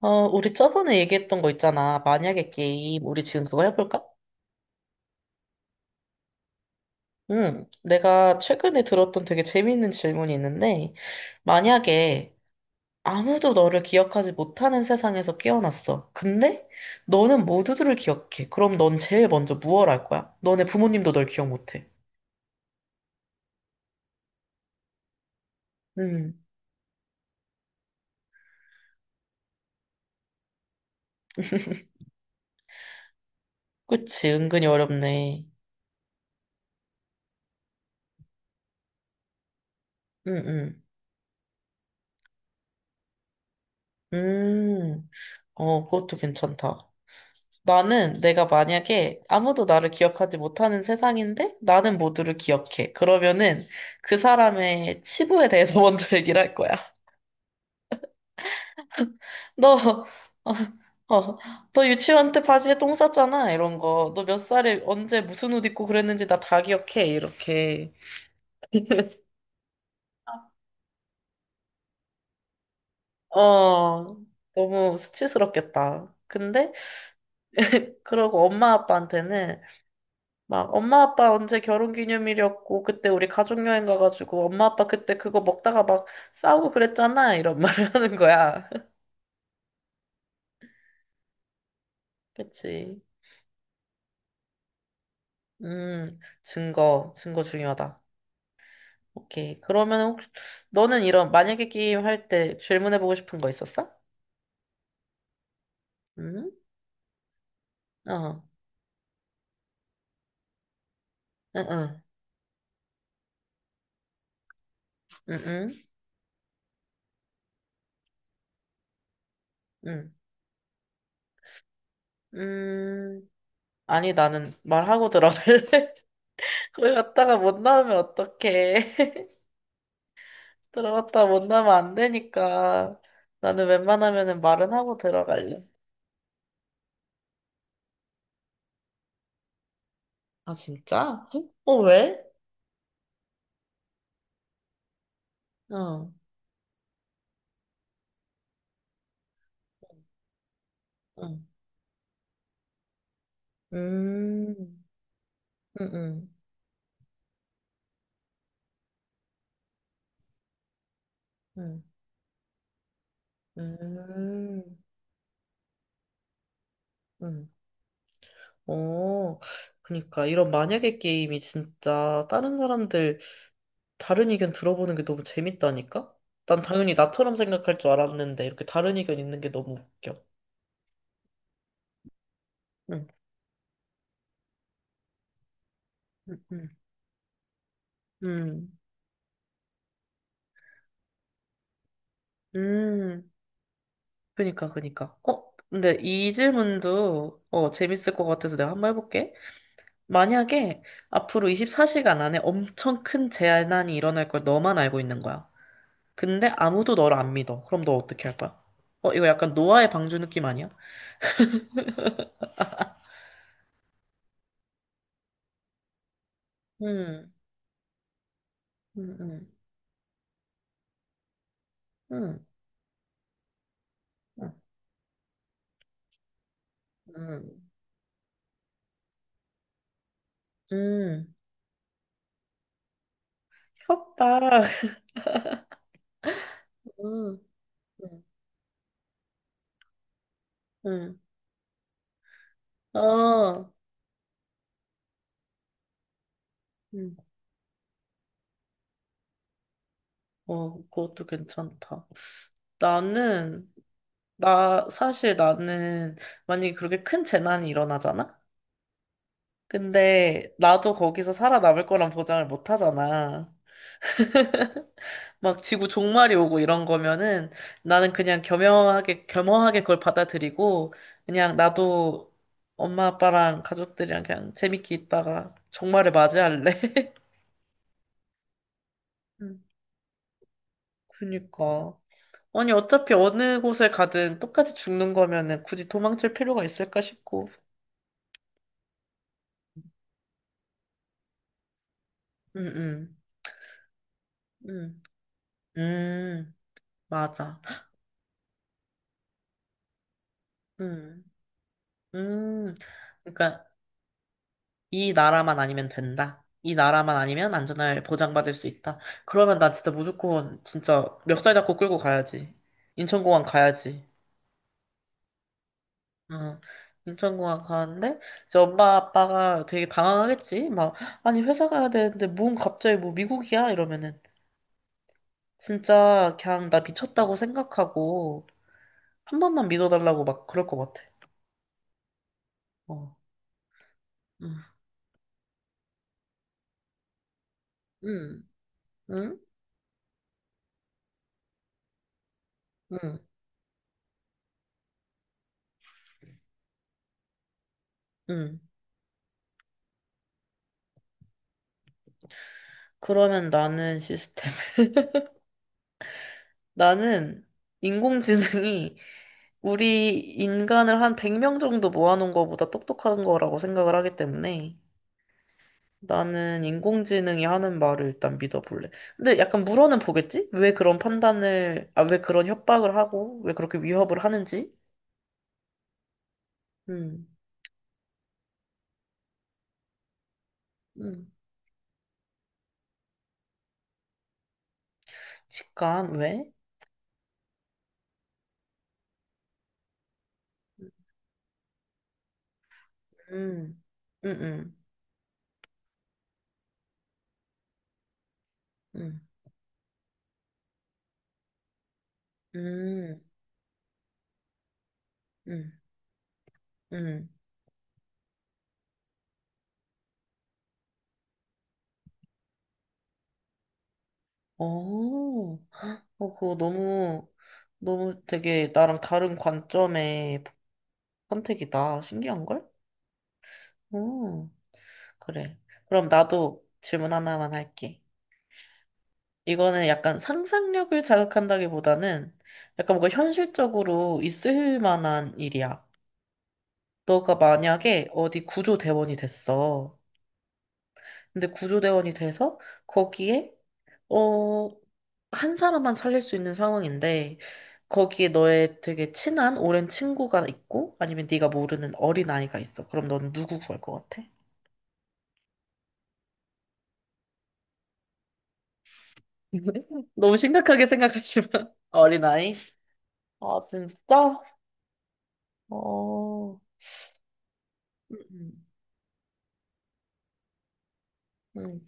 어, 우리 저번에 얘기했던 거 있잖아. 만약에 게임. 우리 지금 그거 해볼까? 응. 내가 최근에 들었던 되게 재미있는 질문이 있는데, 만약에 아무도 너를 기억하지 못하는 세상에서 깨어났어. 근데 너는 모두들을 기억해. 그럼 넌 제일 먼저 무얼 할 거야? 너네 부모님도 널 기억 못해. 응. 그치. 은근히 어렵네. 응, 응. 음, 어, 그것도 괜찮다. 나는 내가 만약에 아무도 나를 기억하지 못하는 세상인데 나는 모두를 기억해. 그러면은 그 사람의 치부에 대해서 먼저 얘기를 할 거야. 너, 어, 어, 너 유치원 때 바지에 똥 쌌잖아. 이런 거. 너 몇 살에 언제 무슨 옷 입고 그랬는지 나 다 기억해. 이렇게. 어, 너무 수치스럽겠다. 근데 그러고 엄마 아빠한테는 막 엄마 아빠 언제 결혼기념일이었고 그때 우리 가족 여행 가가지고 엄마 아빠 그때 그거 먹다가 막 싸우고 그랬잖아 이런 말을 하는 거야. 그치? 음 증거 증거 중요하다. 오케이 그러면 혹시 너는 이런 만약에 게임 할 때 질문해보고 싶은 거 있었어? 응? 어 응응 응응 응. 응, 응. 아니 나는 말하고 들어갈래. 거기 갔다가 못 나오면 어떡해. 들어갔다 못 나면 안 되니까 나는 웬만하면은 말은 하고 들어갈래. 아, 진짜? 헉? 어, 왜? 어, 어. 음, 음, 음, 음, 음, 음. 어, 그니까, 이런 만약에 게임이 진짜 다른 사람들 다른 의견 들어보는 게 너무 재밌다니까? 난 당연히 나처럼 생각할 줄 알았는데, 이렇게 다른 의견 있는 게 너무 웃겨. 응, 응, 응, 응. 응. 그니까, 그니까. 어, 근데 이 질문도, 어, 재밌을 것 같아서 내가 한 번 해볼게. 만약에 앞으로 24시간 안에 엄청 큰 재난이 일어날 걸 너만 알고 있는 거야. 근데 아무도 너를 안 믿어. 그럼 너 어떻게 할 거야? 어, 이거 약간 노아의 방주 느낌 아니야? 음, 음, 음, 음, 음, 음, 음. 협박. 음, 음, 음. 어, 음. 어, 그것도 괜찮다. 나는, 나, 사실 나는, 만약에 그렇게 큰 재난이 일어나잖아? 근데, 나도 거기서 살아남을 거란 보장을 못 하잖아. 막 지구 종말이 오고 이런 거면은, 나는 그냥 겸허하게, 겸허하게 그걸 받아들이고, 그냥 나도 엄마, 아빠랑 가족들이랑 그냥 재밌게 있다가 종말을 맞이할래. 음, 그니까. 아니, 어차피 어느 곳에 가든 똑같이 죽는 거면은 굳이 도망칠 필요가 있을까 싶고. 응, 응, 응. 음, 맞아. 음, 음. 그러니까 이 나라만 아니면 된다. 이 나라만 아니면 안전을 보장받을 수 있다. 그러면 난 진짜 무조건 진짜 멱살 잡고 끌고 가야지. 인천공항 가야지. 응. 인천공항 가는데 이제 엄마 아빠가 되게 당황하겠지. 막 아니 회사 가야 되는데 뭔 갑자기 뭐 미국이야 이러면은 진짜 그냥 나 미쳤다고 생각하고 한 번만 믿어달라고 막 그럴 것 같아. 어. 응. 응. 응. 응. 응. 그러면 나는 시스템. 나는 인공지능이 우리 인간을 한 100명 정도 모아놓은 것보다 똑똑한 거라고 생각을 하기 때문에 나는 인공지능이 하는 말을 일단 믿어볼래. 근데 약간 물어는 보겠지? 왜 그런 판단을, 아, 왜 그런 협박을 하고, 왜 그렇게 위협을 하는지? 음, 음. 직감, 왜? 음, 음, 음, 음, 음, 음, 음. 오. 어, 그거 너무, 너무 되게 나랑 다른 관점의 선택이다. 신기한걸? 음, 그래. 그럼 나도 질문 하나만 할게. 이거는 약간 상상력을 자극한다기보다는 약간 뭔가 현실적으로 있을 만한 일이야. 너가 만약에 어디 구조대원이 됐어. 근데 구조대원이 돼서 거기에, 어, 한 사람만 살릴 수 있는 상황인데, 거기에 너의 되게 친한 오랜 친구가 있고 아니면 네가 모르는 어린아이가 있어. 그럼 넌 누구 구할 것 같아? 너무 심각하게 생각하지만 어린아이? 아 진짜? 어... 음, 음,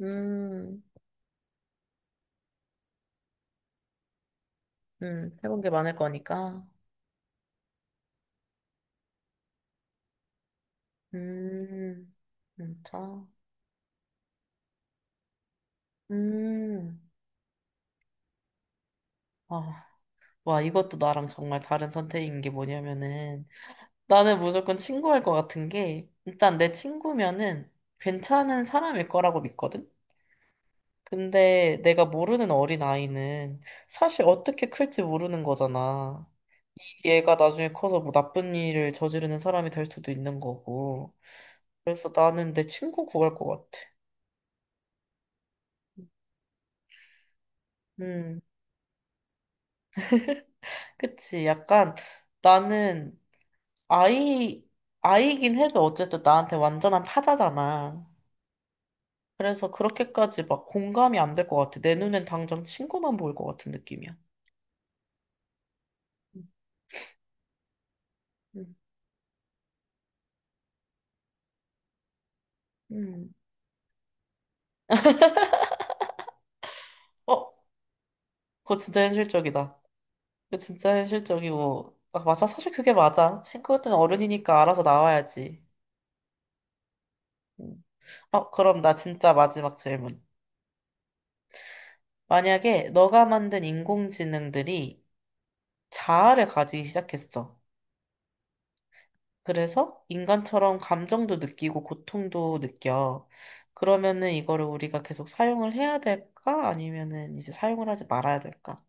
음, 음. 음. 해본 게 많을 거니까. 음, 진짜? 음. 아, 와 이것도 나랑 정말 다른 선택인 게 뭐냐면은 나는 무조건 친구할 것 같은 게, 일단 내 친구면은 괜찮은 사람일 거라고 믿거든? 근데 내가 모르는 어린아이는 사실 어떻게 클지 모르는 거잖아. 얘가 나중에 커서 뭐 나쁜 일을 저지르는 사람이 될 수도 있는 거고. 그래서 나는 내 친구 구할 것 같아. 음, 그치. 약간 나는 아이, 아이긴 해도 어쨌든 나한테 완전한 타자잖아. 그래서 그렇게까지 막 공감이 안 될 것 같아. 내 눈엔 당장 친구만 보일 것 같은 느낌이야. 음. 음. 어, 그거 진짜 현실적이다. 그거 진짜 현실적이고. 아, 맞아. 사실 그게 맞아. 친구들은 어른이니까 알아서 나와야지. 음. 어, 그럼 나 진짜 마지막 질문. 만약에 너가 만든 인공지능들이 자아를 가지기 시작했어. 그래서 인간처럼 감정도 느끼고 고통도 느껴. 그러면은 이거를 우리가 계속 사용을 해야 될까? 아니면은 이제 사용을 하지 말아야 될까?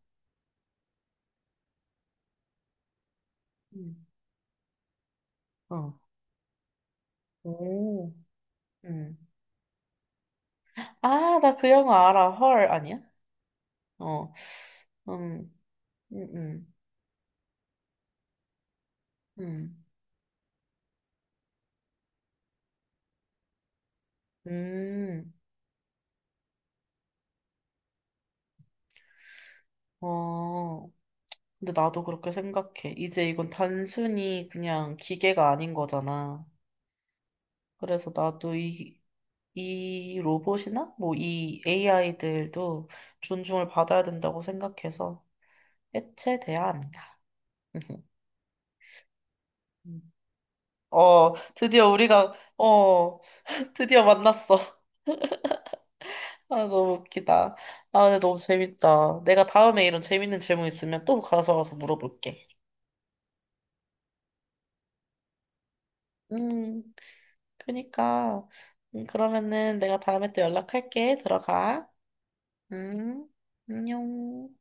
음. 어. 오. 음. 아, 나 그 영화 알아. 헐, 아니야? 어. 음, 음, 음, 음, 음, 어. 근데 나도 그렇게 생각해. 이제 이건 단순히 그냥 기계가 아닌 거잖아. 그래서 나도 이, 이 로봇이나 뭐 이 AI들도 존중을 받아야 된다고 생각해서 해체돼야 합니다. 음. 어, 드디어 우리가, 어, 드디어 만났어. 아, 너무 웃기다. 아, 근데 너무 재밌다. 내가 다음에 이런 재밌는 질문 있으면 또 가서 물어볼게. 음, 그니까. 그러면은 내가 다음에 또 연락할게. 들어가. 음, 안녕.